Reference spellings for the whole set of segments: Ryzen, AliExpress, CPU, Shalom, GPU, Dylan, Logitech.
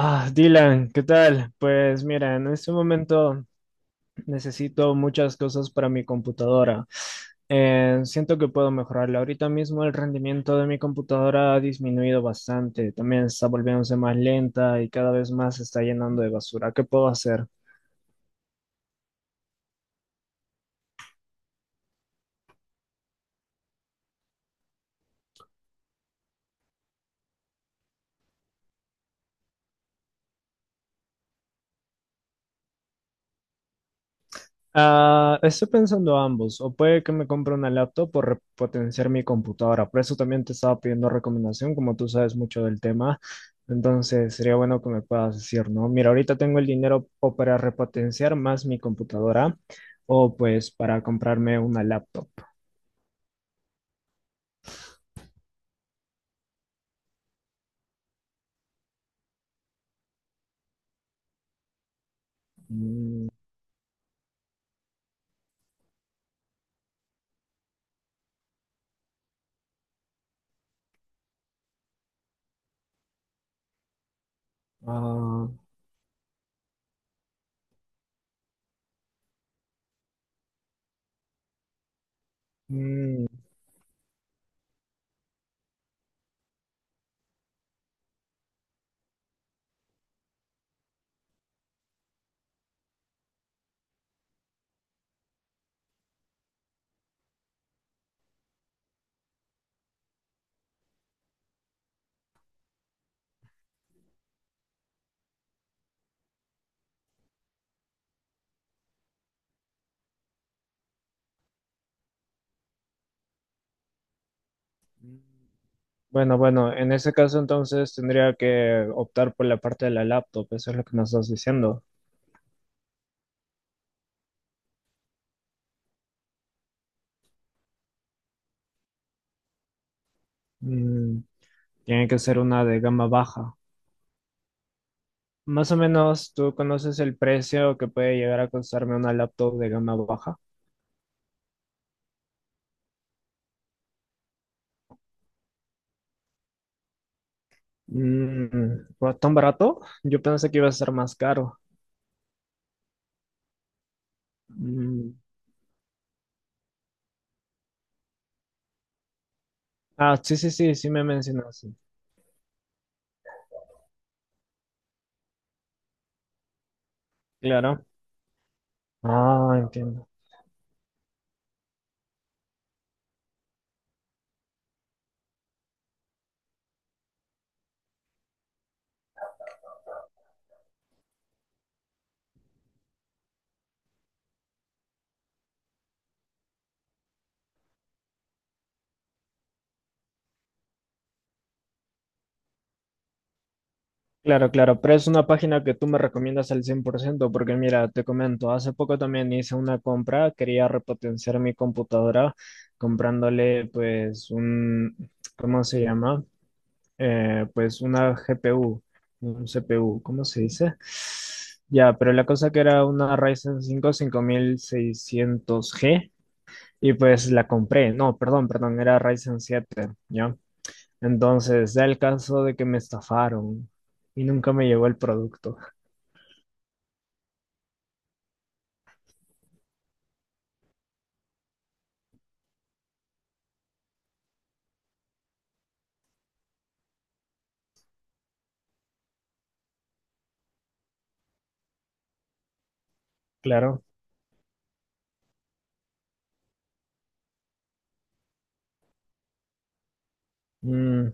Ah, Dylan, ¿qué tal? Pues mira, en este momento necesito muchas cosas para mi computadora. Siento que puedo mejorarla. Ahorita mismo el rendimiento de mi computadora ha disminuido bastante. También está volviéndose más lenta y cada vez más se está llenando de basura. ¿Qué puedo hacer? Ah, estoy pensando ambos, o puede que me compre una laptop por potenciar mi computadora. Por eso también te estaba pidiendo recomendación, como tú sabes mucho del tema. Entonces sería bueno que me puedas decir, ¿no? Mira, ahorita tengo el dinero o para repotenciar más mi computadora, o pues para comprarme una laptop. Mm, ah, mm, bueno, bueno, en ese caso entonces tendría que optar por la parte de la laptop, eso es lo que me estás diciendo. Mm, tiene que ser una de gama baja. Más o menos, ¿tú conoces el precio que puede llegar a costarme una laptop de gama baja? Mm, ¿fue ¿tan barato? Yo pensé que iba a ser más caro. Mm, ah, sí, sí, sí, sí me mencionaste. Claro. Ah, entiendo. Claro, claro, pero es una página que tú me recomiendas al 100%, porque mira, te comento, hace poco también hice una compra, quería repotenciar mi computadora comprándole pues un, ¿cómo se llama? Pues una GPU, un CPU, ¿cómo se dice? Ya, pero la cosa que era una Ryzen 5 5600G y pues la compré, no, perdón, perdón, era Ryzen 7, ¿ya? Entonces, da el caso de que me estafaron y nunca me llegó el producto. Claro, mm,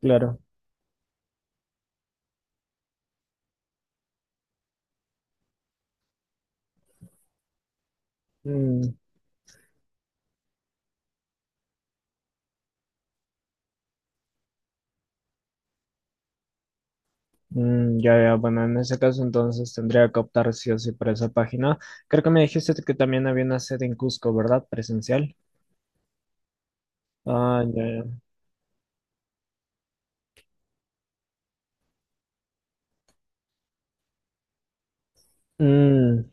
claro, mm, mm, ya, ya, bueno, en ese caso entonces tendría que optar sí o sí por esa página. Creo que me dijiste que también había una sede en Cusco, ¿verdad? Presencial. Ah, ya, ya. Mm,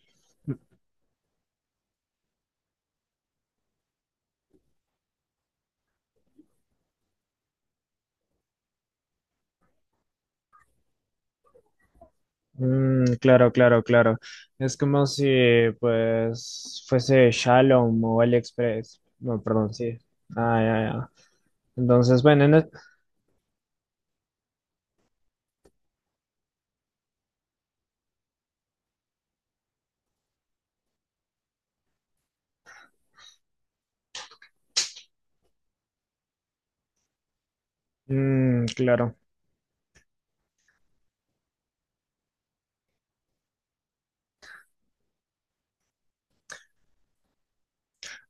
mm, claro, claro, claro. Es como si, pues, fuese Shalom o AliExpress. No, perdón, sí. Ah, ya, ya. Entonces, bueno, mm, claro.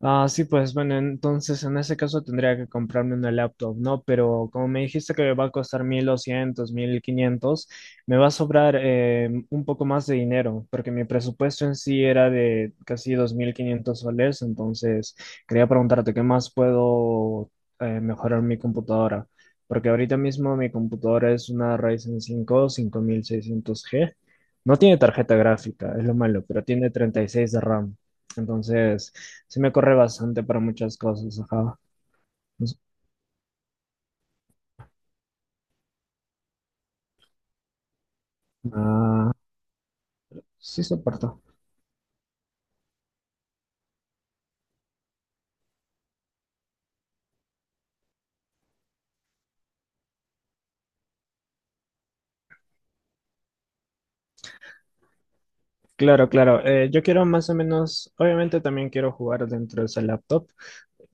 Ah, sí, pues bueno, entonces en ese caso tendría que comprarme una laptop, ¿no? Pero como me dijiste que me va a costar 1200, 1500, me va a sobrar un poco más de dinero, porque mi presupuesto en sí era de casi 2500 soles, entonces quería preguntarte qué más puedo mejorar mi computadora, porque ahorita mismo mi computadora es una Ryzen 5 5600G, no tiene tarjeta gráfica, es lo malo, pero tiene 36 de RAM. Entonces, sí me corre bastante para muchas cosas, ajá. Es- Ah, sí soporto. Claro, claro. Yo quiero más o menos, obviamente también quiero jugar dentro de ese laptop,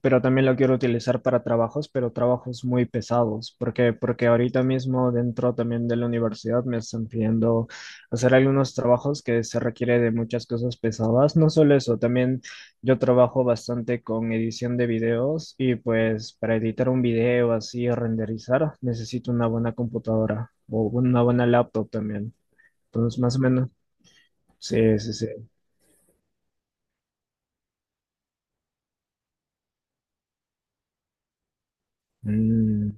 pero también lo quiero utilizar para trabajos, pero trabajos muy pesados, porque ahorita mismo dentro también de la universidad me están pidiendo hacer algunos trabajos que se requiere de muchas cosas pesadas, no solo eso, también yo trabajo bastante con edición de videos y pues para editar un video así renderizar necesito una buena computadora o una buena laptop también. Entonces, más o menos, sí, sí, sí. Mm,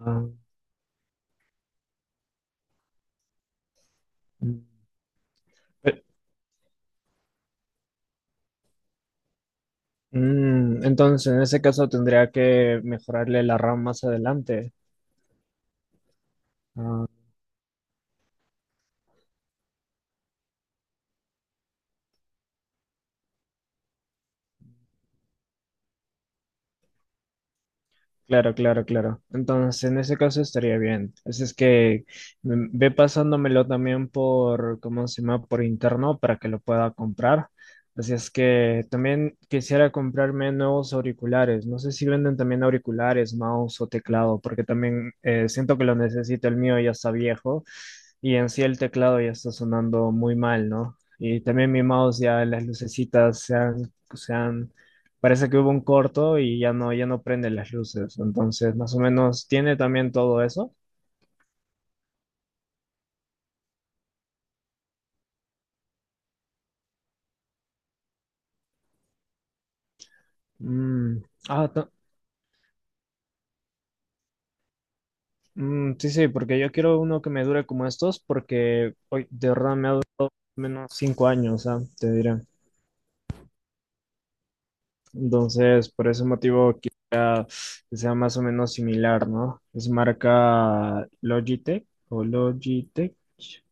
ah, mm. Mm, entonces, en ese caso tendría que mejorarle la RAM más adelante. Ah, claro, claro, claro. Entonces, en ese caso estaría bien. Así es que mm, ve pasándomelo también por, ¿cómo se llama? Por interno para que lo pueda comprar. Así es que también quisiera comprarme nuevos auriculares. No sé si venden también auriculares, mouse o teclado, porque también siento que lo necesito. El mío ya está viejo y en sí el teclado ya está sonando muy mal, ¿no? Y también mi mouse ya las lucecitas se han, parece que hubo un corto y ya no, ya no prende las luces. Entonces, más o menos, tiene también todo eso. Mm, ah, mm, sí, sí, porque yo quiero uno que me dure como estos, porque hoy de verdad me ha durado menos 5 años, ah, te diré. Entonces, por ese motivo, quisiera que sea más o menos similar, ¿no? Es marca Logitech o Logitech,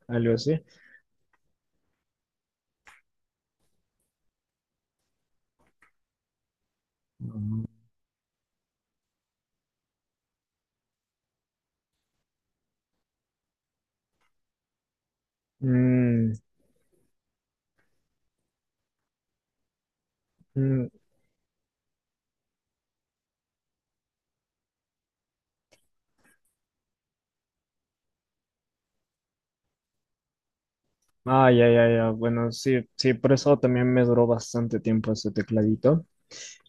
algo así. Mm, mm, ah, ya, ya, ya. Bueno, sí, sí, por eso también me duró bastante tiempo ese tecladito.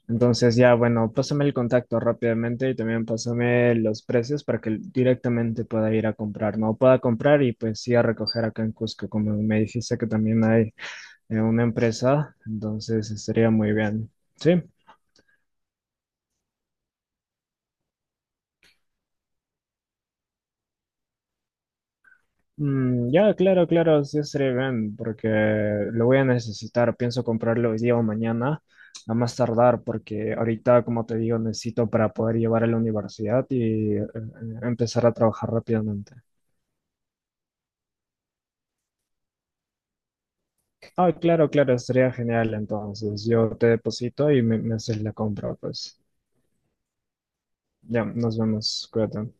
Entonces, ya, bueno, pásame el contacto rápidamente y también pásame los precios para que directamente pueda ir a comprar, ¿no? Pueda comprar y pues sí a recoger acá en Cusco, como me dijiste que también hay una empresa, entonces estaría muy bien. ¿Sí? Mm, ya, claro, claro, sí estaría bien, porque lo voy a necesitar. Pienso comprarlo hoy día o mañana, a más tardar, porque ahorita, como te digo, necesito para poder llevar a la universidad y empezar a trabajar rápidamente. Ah, claro, claro, estaría genial. Entonces, yo te deposito y me haces la compra, pues. Ya, nos vemos, cuídate.